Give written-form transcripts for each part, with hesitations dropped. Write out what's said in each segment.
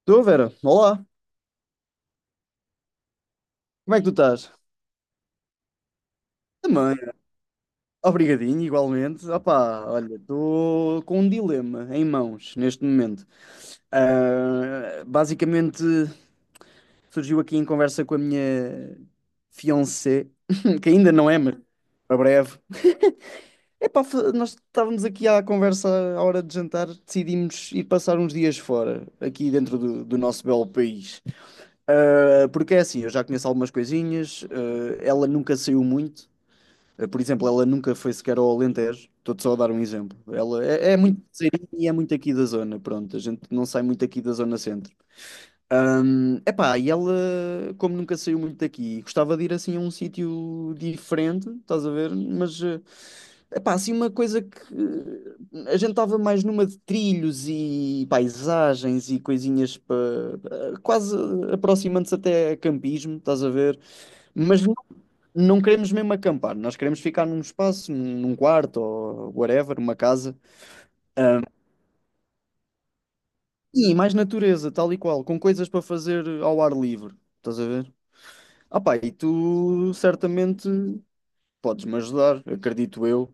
Estou, Vera. Olá. Como é que tu estás? Também. Obrigadinho, igualmente. Opá, olha, estou com um dilema em mãos neste momento. Basicamente, surgiu aqui em conversa com a minha fiancée, que ainda não é, mas para breve. Epá, nós estávamos aqui à conversa à hora de jantar, decidimos ir passar uns dias fora, aqui dentro do nosso belo país. Ah, porque é assim, eu já conheço algumas coisinhas, ah, ela nunca saiu muito. Por exemplo, ela nunca foi sequer ao Alentejo. Estou-te só a dar um exemplo. Ela é muito ribeirinha e é muito aqui da zona. Pronto, a gente não sai muito aqui da zona centro. Epá, e ela, como nunca saiu muito daqui, gostava de ir assim a um sítio diferente, estás a ver? Mas, epá, assim uma coisa que a gente estava mais numa de trilhos e paisagens e coisinhas para quase aproximando-se até a campismo, estás a ver? Mas não queremos mesmo acampar, nós queremos ficar num espaço, num quarto ou whatever, uma casa. E mais natureza, tal e qual, com coisas para fazer ao ar livre. Estás a ver? Ah pá, e tu certamente podes-me ajudar, acredito eu.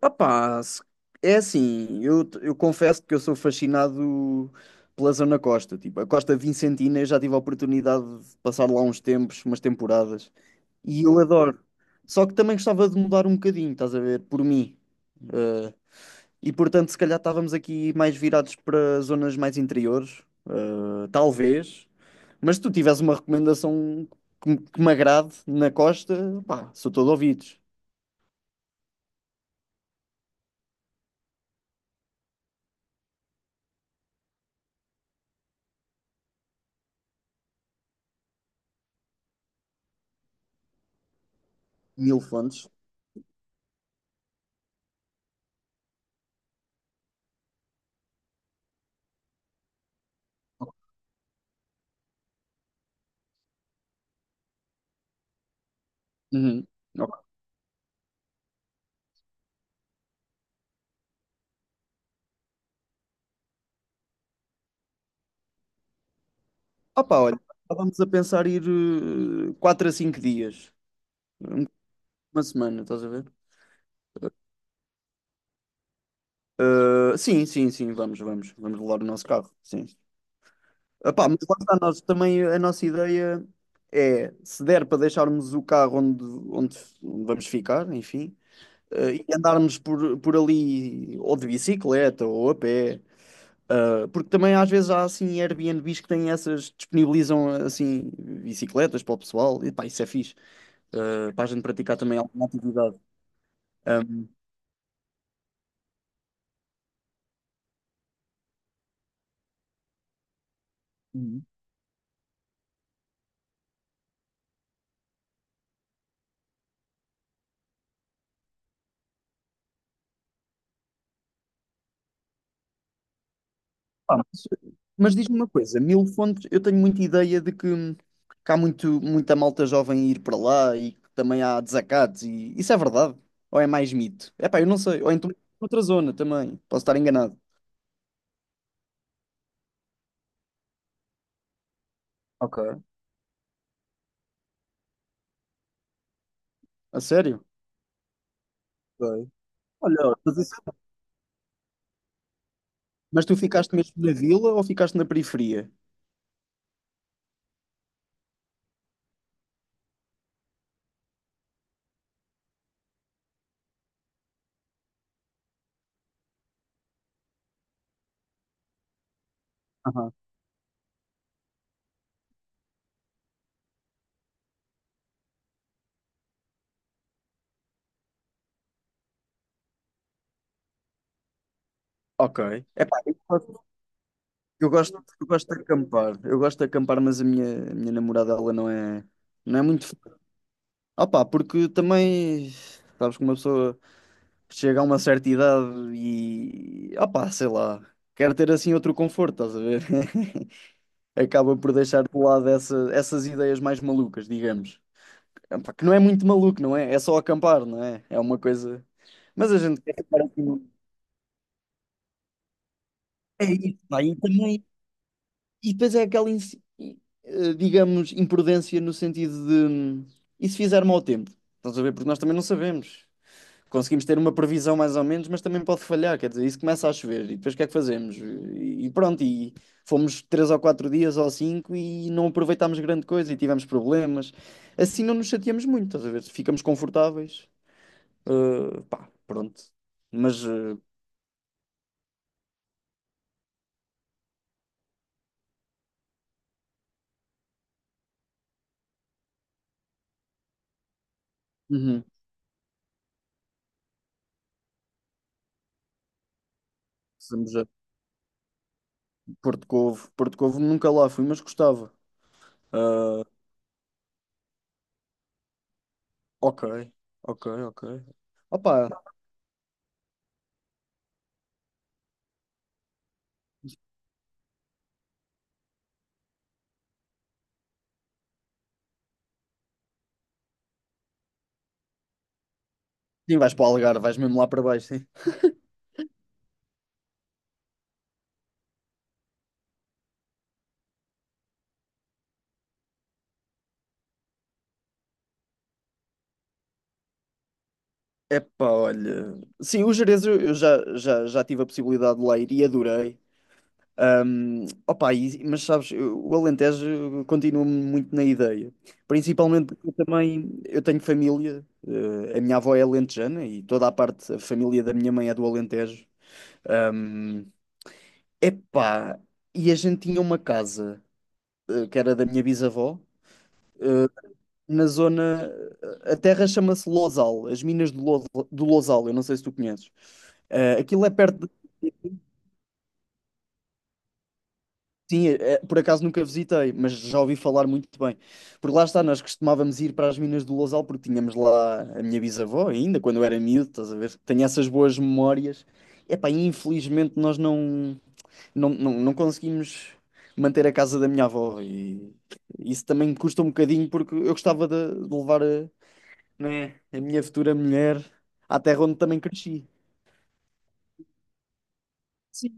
Ah pá, é assim, eu confesso que eu sou fascinado pela zona costa. Tipo, a Costa Vicentina eu já tive a oportunidade de passar lá uns tempos, umas temporadas. E eu adoro. Só que também gostava de mudar um bocadinho, estás a ver? Por mim. Ah, E portanto, se calhar estávamos aqui mais virados para zonas mais interiores, talvez. Mas se tu tivesse uma recomendação que me agrade na costa, pá, sou todo ouvidos. Mil fontes. Uhum. Ok. Opa, olha, estávamos a pensar ir 4 a 5 dias, uma semana, estás a ver? Sim, sim, sim, vamos, vamos, vamos levar o nosso carro, sim. Epá, mas lá está, nós também a nossa ideia é, se der para deixarmos o carro onde vamos ficar, enfim, e andarmos por ali ou de bicicleta ou a pé, porque também às vezes há assim Airbnbs que têm essas, disponibilizam assim bicicletas para o pessoal, e pá, isso é fixe, para a gente praticar também alguma atividade. Ahm, mas diz-me uma coisa, Mil Fontes, eu tenho muita ideia de que há muita malta jovem ir para lá e que também há desacatos e isso é verdade? Ou é mais mito? É pá, eu não sei. Ou então é outra zona também, posso estar enganado. Ok, a sério? Ok. Olha, mas, mas tu ficaste mesmo na vila ou ficaste na periferia? Aham. Ok. Epá, eu gosto de acampar. Eu gosto de acampar, mas a minha namorada, ela não é, não é muito fã. Opá, porque também, sabes que uma pessoa chega a uma certa idade e, opa sei lá, quer ter assim outro conforto, estás a ver? Acaba por deixar de lado essas ideias mais malucas, digamos. Epá, que não é muito maluco, não é? É só acampar, não é? É uma coisa. Mas a gente quer ficar assim. É isso, pá, e também e depois é aquela, digamos, imprudência no sentido de e se fizer mau tempo? Estás a ver? Porque nós também não sabemos. Conseguimos ter uma previsão mais ou menos, mas também pode falhar. Quer dizer, isso começa a chover e depois o que é que fazemos? E pronto, e fomos três ou quatro dias ou cinco e não aproveitámos grande coisa e tivemos problemas. Assim não nos chateamos muito, estás a ver? Ficamos confortáveis. Pá, pronto. Mas uhum, estamos a Porto Covo. Porto Covo nunca lá fui, mas gostava. Ah, Ok, ok, ok. Opa, sim, vais para o Algarve, vais mesmo lá para baixo, sim. Epá, olha. Sim, o Gerês eu, eu já tive a possibilidade de lá ir e adorei. Opa, mas sabes, o Alentejo continua muito na ideia. Principalmente porque eu também eu tenho família, a minha avó é alentejana e toda a parte, a família da minha mãe é do Alentejo. Ahm, Epá, e a gente tinha uma casa, que era da minha bisavó, eh, na zona. A terra chama-se Losal, as minas de Lo- do Losal, eu não sei se tu conheces. Eh, aquilo é perto de. Sim, por acaso nunca visitei, mas já ouvi falar muito bem. Porque lá está, nós costumávamos ir para as minas do Lousal, porque tínhamos lá a minha bisavó ainda, quando eu era miúdo, estás a ver? Tenho essas boas memórias. Epá, infelizmente nós não conseguimos manter a casa da minha avó e isso também me custa um bocadinho porque eu gostava de levar a, né? A minha futura mulher, à terra onde também cresci. Sim.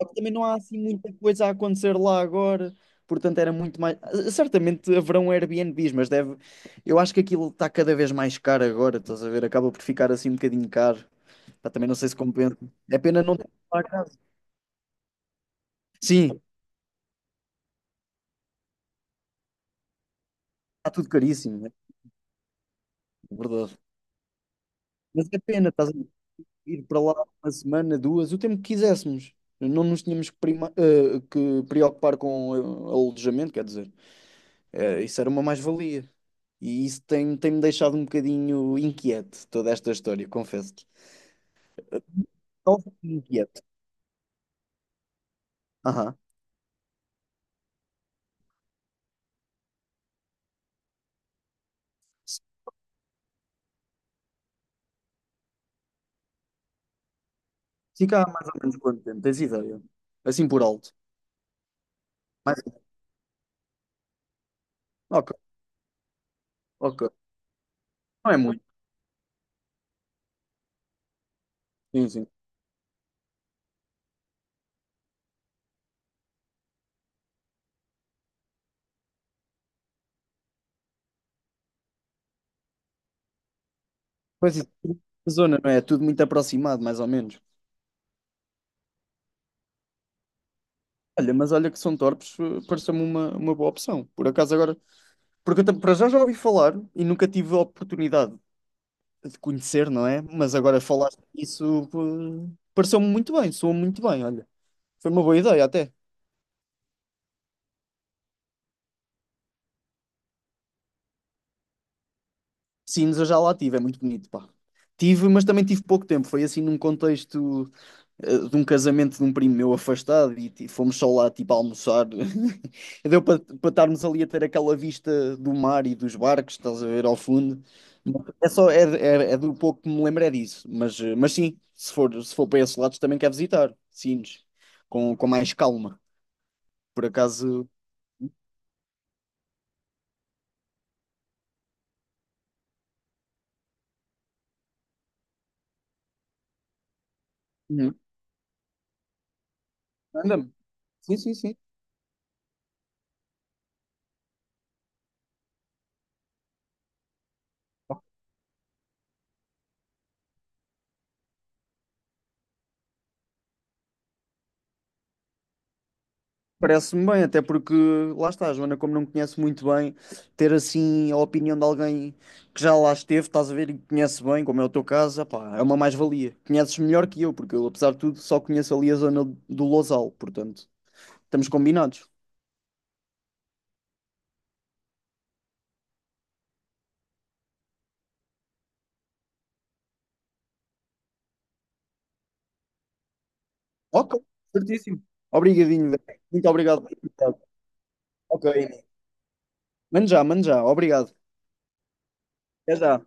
Só que também não há assim muita coisa a acontecer lá agora. Portanto, era muito mais. Certamente haverão Airbnbs, mas deve. Eu acho que aquilo está cada vez mais caro agora, estás a ver? Acaba por ficar assim um bocadinho caro. Pá, também não sei se compensa. É pena não ter lá a casa. Sim, está tudo caríssimo, né? É verdade. Mas é pena, estás a ver, ir para lá uma semana, duas, o tempo que quiséssemos. Não nos tínhamos que preocupar com alojamento, quer dizer. Isso era uma mais-valia. E isso tem-me deixado um bocadinho inquieto, toda esta história, confesso-te. Talvez inquieto. Aham. Fica há mais ou menos quanto tempo, tens ideia? Assim por alto. Mais... Ok, ok. Não é muito. Sim, sim. Pois isso, a zona, não é? É tudo muito aproximado, mais ou menos. Olha, mas olha que São Torpes pareceu-me uma boa opção. Por acaso agora. Porque eu para já já ouvi falar e nunca tive a oportunidade de conhecer, não é? Mas agora falaste isso, pareceu-me muito bem, soou muito bem, olha. Foi uma boa ideia até. Sines eu já lá tive, é muito bonito, pá. Tive, mas também tive pouco tempo. Foi assim num contexto de um casamento de um primo meu afastado e fomos só lá tipo a almoçar. Deu para estarmos ali a ter aquela vista do mar e dos barcos, estás a ver ao fundo. É só, é, é do pouco que me lembro é disso. Mas, mas sim, se for, se for para esses lados também quer visitar. Sines, com mais calma. Por acaso. Uhum. Anda-me. Sim, sim, sim. Parece-me bem, até porque lá está, a Joana, como não me conhece muito bem, ter assim a opinião de alguém que já lá esteve, estás a ver, e conhece bem, como é o teu caso, epá, é uma mais-valia. Conheces melhor que eu, porque eu, apesar de tudo, só conheço ali a zona do Lousal, portanto, estamos combinados. Ok, certíssimo. Obrigadinho, velho. Muito obrigado. Ok, mano já, obrigado. Até já.